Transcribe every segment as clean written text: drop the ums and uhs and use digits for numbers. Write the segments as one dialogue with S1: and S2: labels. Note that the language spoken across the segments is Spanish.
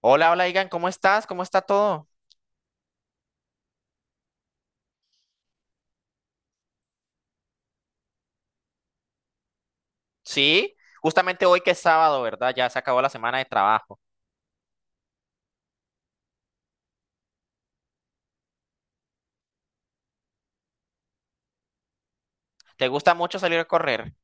S1: Hola, hola, Igan, ¿cómo estás? ¿Cómo está todo? Sí, justamente hoy que es sábado, ¿verdad? Ya se acabó la semana de trabajo. ¿Te gusta mucho salir a correr?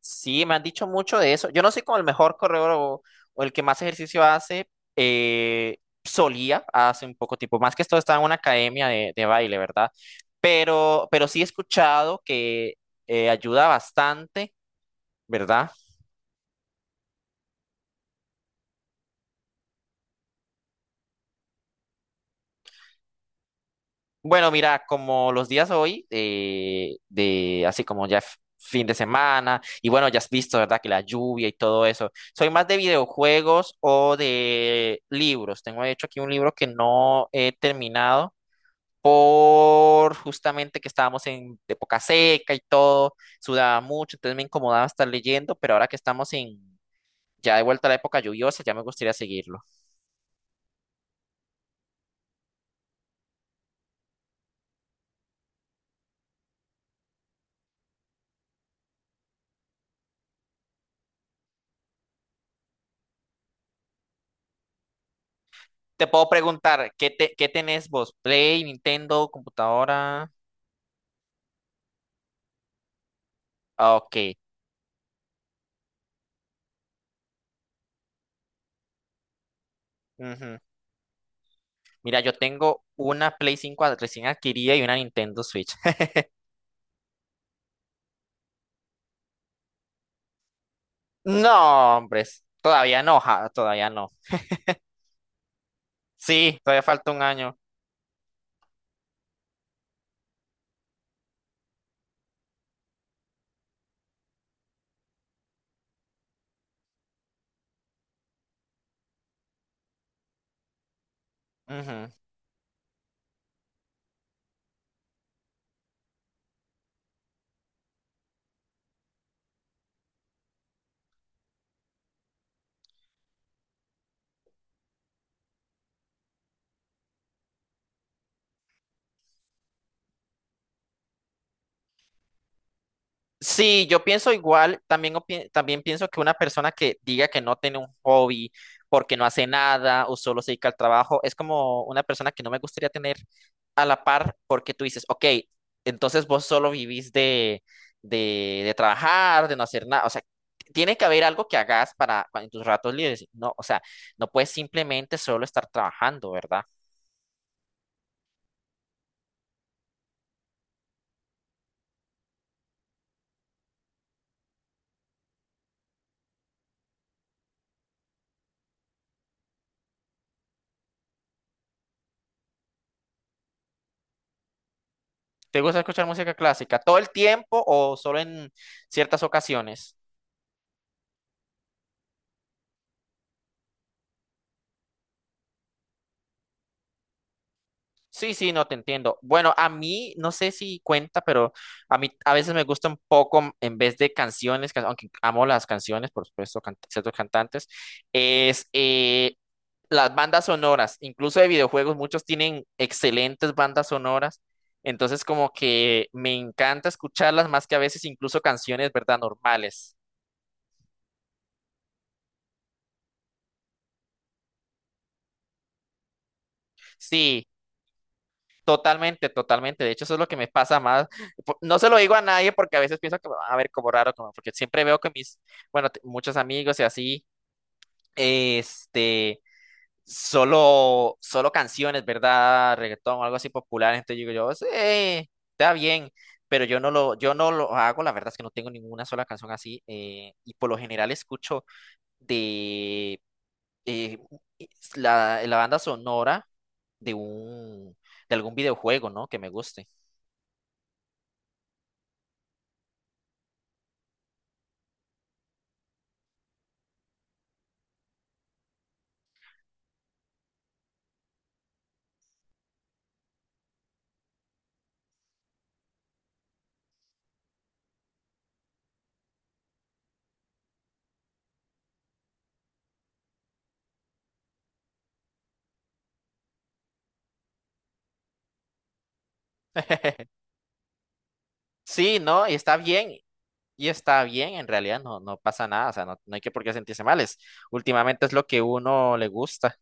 S1: Sí, me han dicho mucho de eso. Yo no soy como el mejor corredor o el que más ejercicio hace. eh, Solía hace un poco tiempo, más que esto estaba en una academia de baile, ¿verdad? Pero sí he escuchado que ayuda bastante, ¿verdad? Bueno, mira, como los días hoy, de así como ya fin de semana, y bueno, ya has visto, ¿verdad? Que la lluvia y todo eso. Soy más de videojuegos o de libros. Tengo de hecho aquí un libro que no he terminado por justamente que estábamos en época seca y todo, sudaba mucho, entonces me incomodaba estar leyendo, pero ahora que estamos en ya de vuelta a la época lluviosa, ya me gustaría seguirlo. Te puedo preguntar, ¿qué, te, qué tenés vos? ¿Play, Nintendo, computadora? Ah, ok. Ujú. Mira, yo tengo una Play 5 recién adquirida y una Nintendo Switch. No, hombres, todavía no, ja, todavía no. Sí, todavía falta un año. Ujú. Sí, yo pienso igual, también, también pienso que una persona que diga que no tiene un hobby porque no hace nada o solo se dedica al trabajo, es como una persona que no me gustaría tener a la par porque tú dices, ok, entonces vos solo vivís de, de trabajar, de no hacer nada, o sea, tiene que haber algo que hagas para en tus ratos libres, no, o sea, no puedes simplemente solo estar trabajando, ¿verdad? ¿Te gusta escuchar música clásica todo el tiempo o solo en ciertas ocasiones? Sí, sí, no te entiendo. Bueno, a mí, no sé si cuenta, pero a mí a veces me gusta un poco, en vez de canciones, aunque amo las canciones, por supuesto, ciertos cantantes, es las bandas sonoras, incluso de videojuegos, muchos tienen excelentes bandas sonoras, entonces como que me encanta escucharlas más que a veces incluso canciones, ¿verdad? Normales. Sí. Totalmente, totalmente. De hecho, eso es lo que me pasa más. No se lo digo a nadie porque a veces pienso que me van a ver como raro, como porque siempre veo que mis, bueno, muchos amigos y así, este, solo canciones, ¿verdad? Reggaetón o algo así popular. Entonces digo yo, sí, está bien, pero yo no lo hago. La verdad es que no tengo ninguna sola canción así. Y por lo general escucho de eh, la banda sonora de de algún videojuego, ¿no? Que me guste. Sí, no, y está bien, en realidad no, no pasa nada, o sea, no, no hay que por qué sentirse mal, es, últimamente es lo que uno le gusta.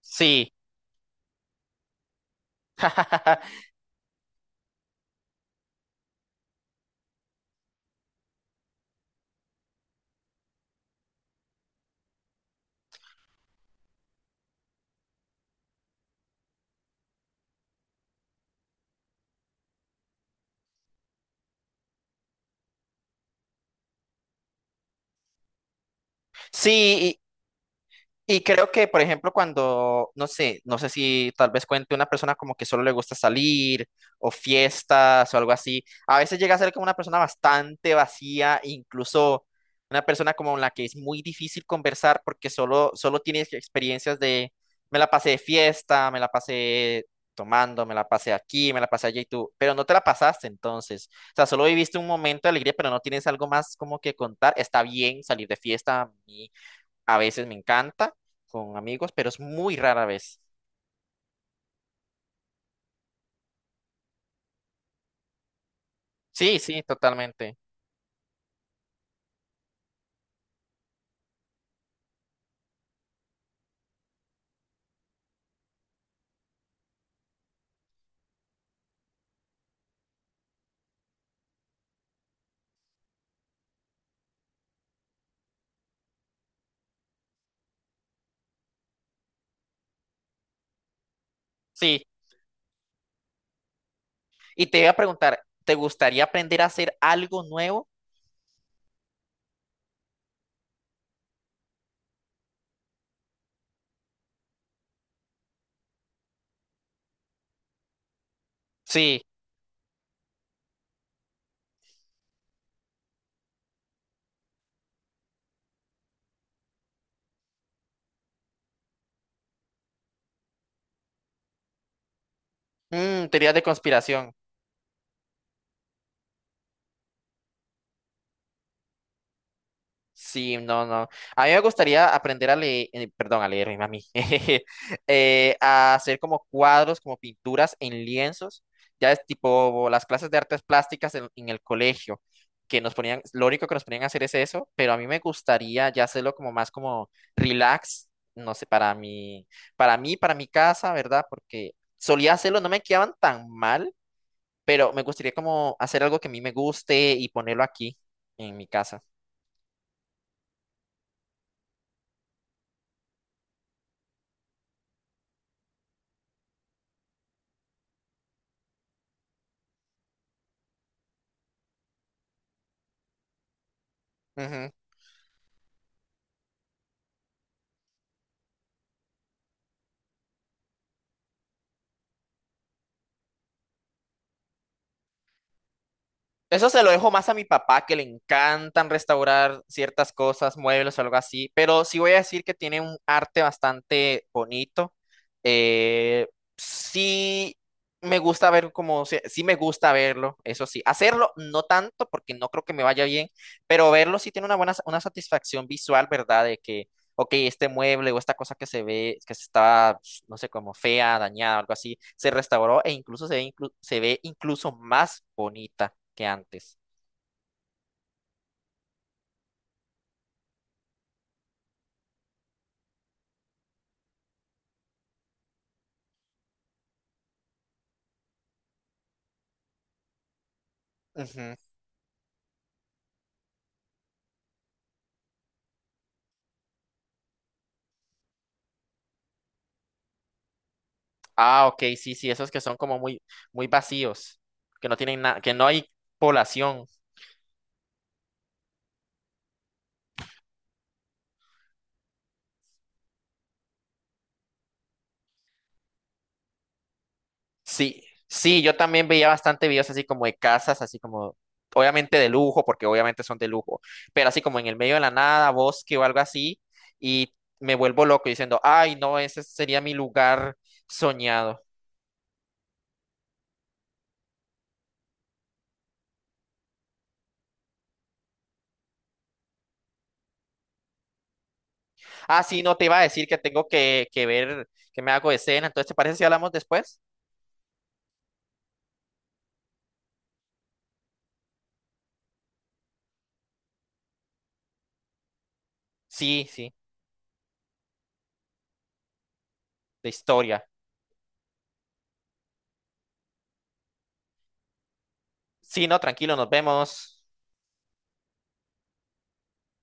S1: Sí, sí, y creo que, por ejemplo, cuando, no sé, si tal vez cuente una persona como que solo le gusta salir o fiestas o algo así, a veces llega a ser como una persona bastante vacía, incluso una persona como la que es muy difícil conversar porque solo tiene experiencias de, me la pasé de fiesta, me la pasé tomando, me la pasé aquí, me la pasé allá y tú, pero no te la pasaste entonces. O sea, solo viviste un momento de alegría, pero no tienes algo más como que contar. Está bien salir de fiesta, a veces me encanta con amigos, pero es muy rara vez. Sí, sí, totalmente. Sí. Y te voy a preguntar, ¿te gustaría aprender a hacer algo nuevo? Sí. Mm, teorías de conspiración. Sí, no, no. A mí me gustaría aprender a leer, perdón, a leer, ay, mami, a hacer como cuadros, como pinturas en lienzos. Ya es tipo las clases de artes plásticas en el colegio, que nos ponían, lo único que nos ponían a hacer es eso, pero a mí me gustaría ya hacerlo como más como relax, no sé, para mí, para mi casa, ¿verdad? Porque solía hacerlo, no me quedaban tan mal, pero me gustaría como hacer algo que a mí me guste y ponerlo aquí en mi casa. Eso se lo dejo más a mi papá, que le encantan restaurar ciertas cosas, muebles o algo así, pero sí voy a decir que tiene un arte bastante bonito. Eh, sí me gusta ver como, sí sí me gusta verlo, eso sí. Hacerlo no tanto porque no creo que me vaya bien, pero verlo sí tiene una buena, una satisfacción visual, ¿verdad? De que ok, este mueble o esta cosa que se ve, que se está, no sé, como fea, dañada, algo así, se restauró e incluso se ve, se ve incluso más bonita que antes. Ujú. Ah, ok, sí, sí, esos que son como muy, muy vacíos, que no tienen nada, que no hay población. Sí, sí, yo también veía bastante videos así como de casas, así como, obviamente de lujo, porque obviamente son de lujo, pero así como en el medio de la nada, bosque o algo así, y me vuelvo loco diciendo, ay, no, ese sería mi lugar soñado. Ah, sí, no te iba a decir que tengo que ver, que me hago de cena. Entonces, ¿te parece si hablamos después? Sí, sí, de historia. Sí, no, tranquilo, nos vemos.